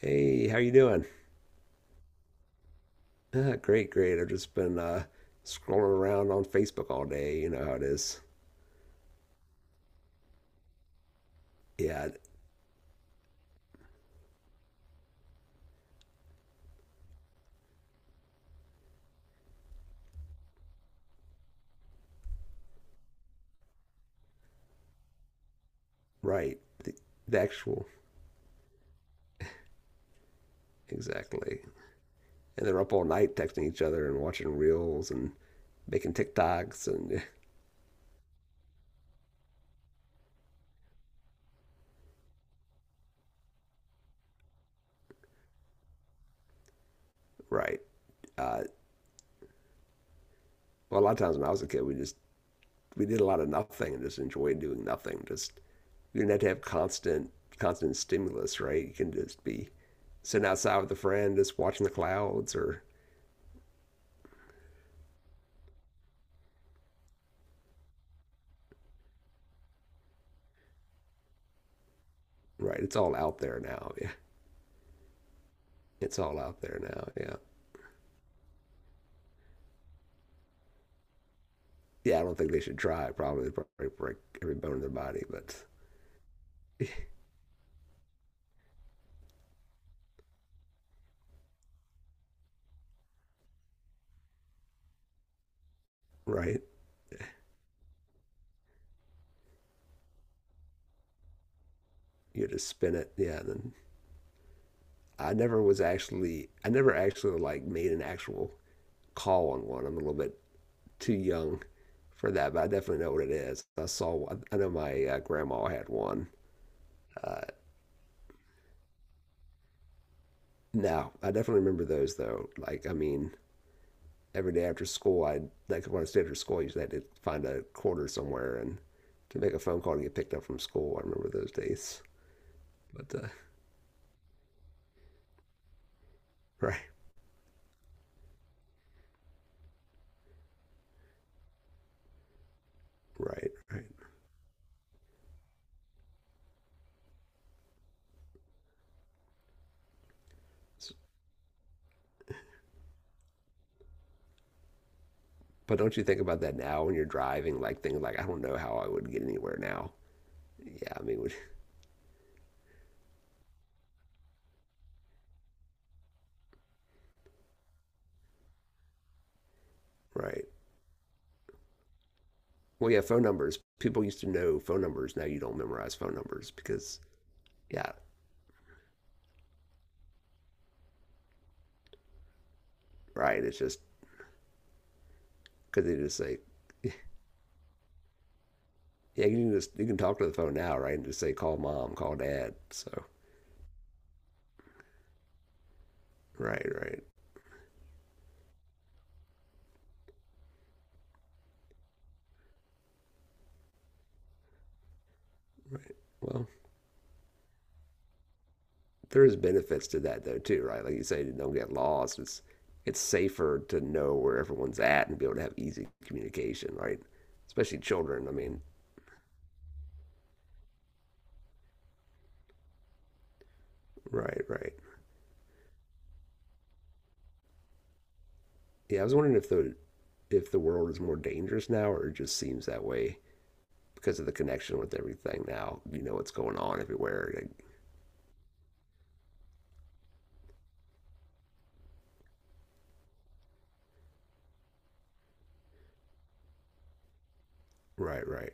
Hey, how you doing? Great. I've just been scrolling around on Facebook all day. You know how it is. Yeah, right. The actual, exactly. And they're up all night texting each other and watching reels and making TikToks and right. Uh, well, a lot of times when I was a kid, we did a lot of nothing and just enjoyed doing nothing. Just you didn't have to have constant stimulus, right? You can just be sitting outside with a friend, just watching the clouds or right. It's all out there now. Yeah. It's all out there now. Yeah. Yeah, I don't think they should try. Probably they'd probably break every bone in their body, but right. You just spin it. Yeah. And then I never actually like made an actual call on one. I'm a little bit too young for that, but I definitely know what it is. I know my grandma had one. Uh, now, I definitely remember those though. Like, I mean, every day after school, I like when I stayed after school, I usually had to find a quarter somewhere and to make a phone call to get picked up from school. I remember those days. But uh, right, right. But don't you think about that now when you're driving? Like things like I don't know how I would get anywhere now. Yeah, I mean, would, right. Well, yeah, phone numbers. People used to know phone numbers. Now you don't memorize phone numbers because yeah, right. It's just because they just say yeah, you can just you can talk to the phone now, right? And just say call mom, call dad. So right, right, right. Well, there's benefits to that though too, right? Like you say, you don't get lost. It's safer to know where everyone's at and be able to have easy communication, right? Especially children. I mean, right. Yeah, I was wondering if the world is more dangerous now or it just seems that way because of the connection with everything now. You know what's going on everywhere. Like, right.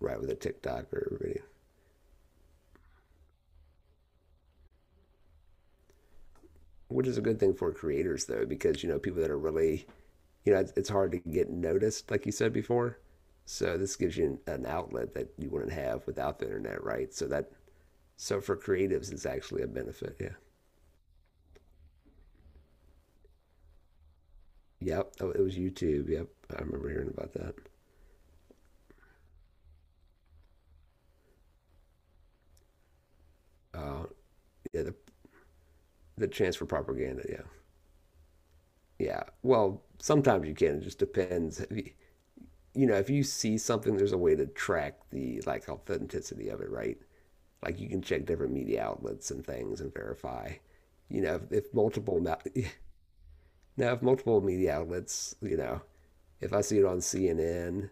Right with a TikTok or everybody. Which is a good thing for creators though, because you know, people that are really you know, it's hard to get noticed, like you said before. So this gives you an outlet that you wouldn't have without the internet, right? So that so for creatives, it's actually a benefit. Yeah. Yep. Oh, it was YouTube. Yep. I remember hearing about that. Uh, yeah. The chance for propaganda. Yeah. Yeah. Well, sometimes you can. It just depends. If you, you know, if you see something, there's a way to track the like authenticity of it, right? Like you can check different media outlets and things and verify. You know, if now, if multiple media outlets, you know, if I see it on CNN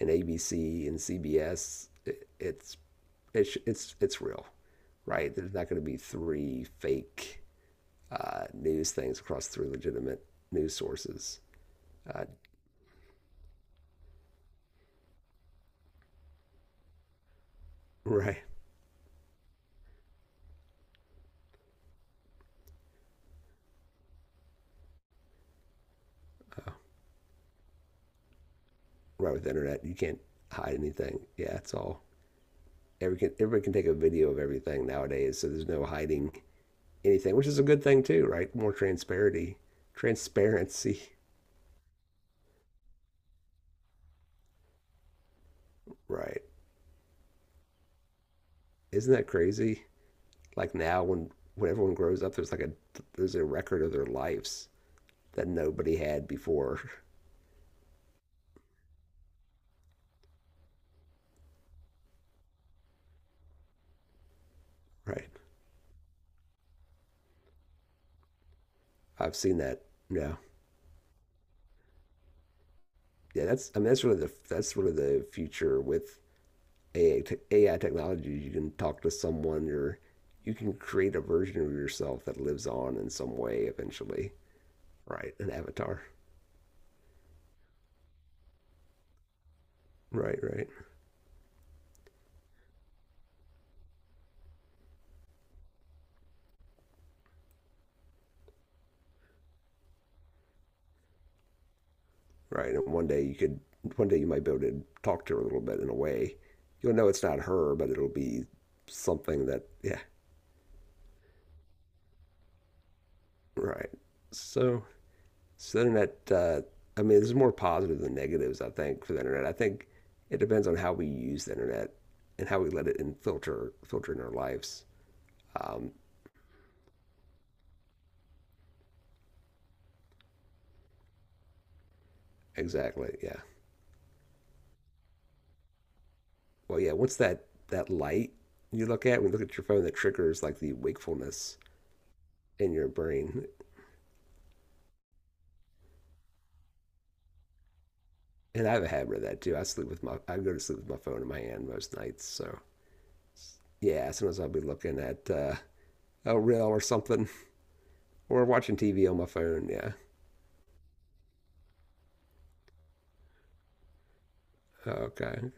and ABC and CBS, it, it's real, right? There's not going to be three fake news things across three legitimate news sources, uh, right? Right with the internet, you can't hide anything. Yeah, it's all everybody can take a video of everything nowadays, so there's no hiding anything, which is a good thing too, right? More transparency, right? Isn't that crazy? Like now, when everyone grows up, there's a record of their lives that nobody had before, right? I've seen that. Yeah, yeah. That's that's really the future with AI technology. You can talk to someone or you can create a version of yourself that lives on in some way eventually, right? An avatar. Right, right, right. And one day you could, one day you might be able to talk to her a little bit in a way. You'll know it's not her, but it'll be something that, yeah, right. So, so the internet, I mean, there's more positives than negatives, I think, for the internet. I think it depends on how we use the internet and how we let it in filter in our lives. Um, exactly. Yeah. Well, yeah. What's that light you look at when you look at your phone that triggers like the wakefulness in your brain? And I have a habit of that too. I go to sleep with my phone in my hand most nights. So yeah, sometimes I'll be looking at a reel or something or watching TV on my phone. Yeah. Okay.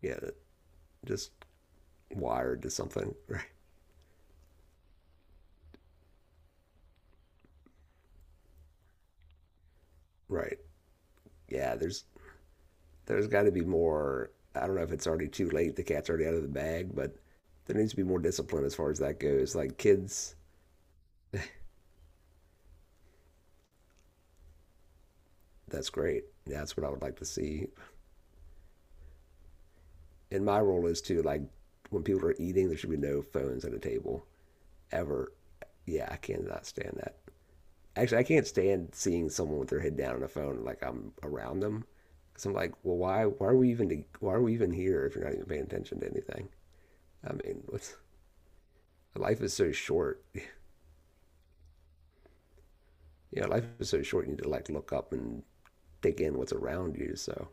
Yeah, just wired to something. Right. Right. Yeah, there's got to be more. I don't know if it's already too late. The cat's already out of the bag, but there needs to be more discipline as far as that goes. Like kids, that's great. That's what I would like to see. And my role is to like when people are eating, there should be no phones at a table ever. Yeah, I cannot stand that. Actually, I can't stand seeing someone with their head down on a phone. Like I'm around them, because I'm like, well, why? Why are we even here if you're not even paying attention to anything? I mean, what's, life is so short. Yeah, life is so short. You need to like look up and take in what's around you. So,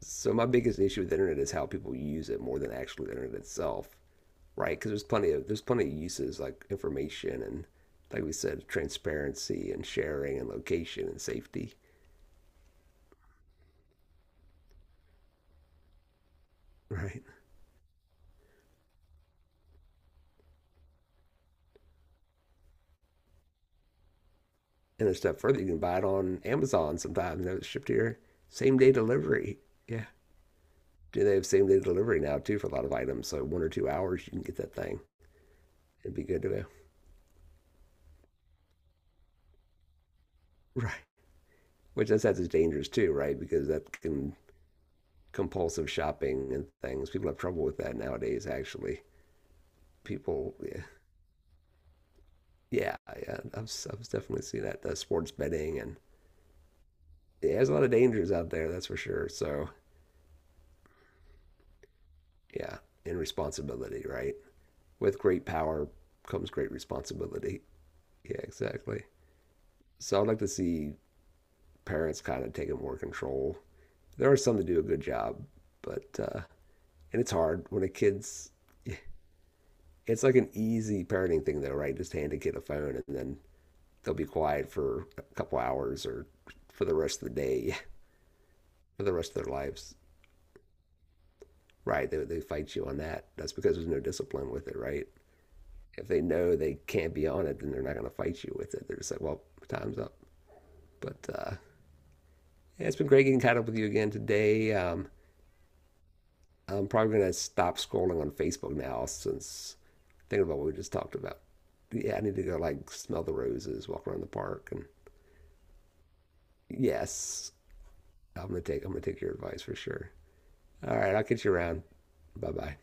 so my biggest issue with the internet is how people use it more than actually the internet itself, right? Because there's plenty of uses like information and like we said, transparency and sharing and location and safety, right? And a step further, you can buy it on Amazon sometimes. And it's shipped here, same day delivery. Yeah, do they have same day delivery now too for a lot of items? So one or two hours, you can get that thing and be good to go. Right. Which that's dangerous too, right? Because that can compulsive shopping and things. People have trouble with that nowadays. Actually, people, yeah, yeah. I've definitely seen that. The sports betting and yeah, there's a lot of dangers out there. That's for sure. So yeah, and responsibility, right? With great power comes great responsibility. Yeah, exactly. So I'd like to see parents kind of taking more control. There are some that do a good job, but and it's hard when a kid's it's like an easy parenting thing, though, right? Just hand a kid a phone and then they'll be quiet for a couple hours or for the rest of the day, for the rest of their lives. Right. They fight you on that. That's because there's no discipline with it, right? If they know they can't be on it, then they're not going to fight you with it. They're just like, well, time's up. But yeah, it's been great getting caught up with you again today. I'm probably going to stop scrolling on Facebook now since thinking about what we just talked about. Yeah, I need to go like smell the roses, walk around the park. And yes, I'm gonna take your advice for sure. All right, I'll catch you around. Bye bye.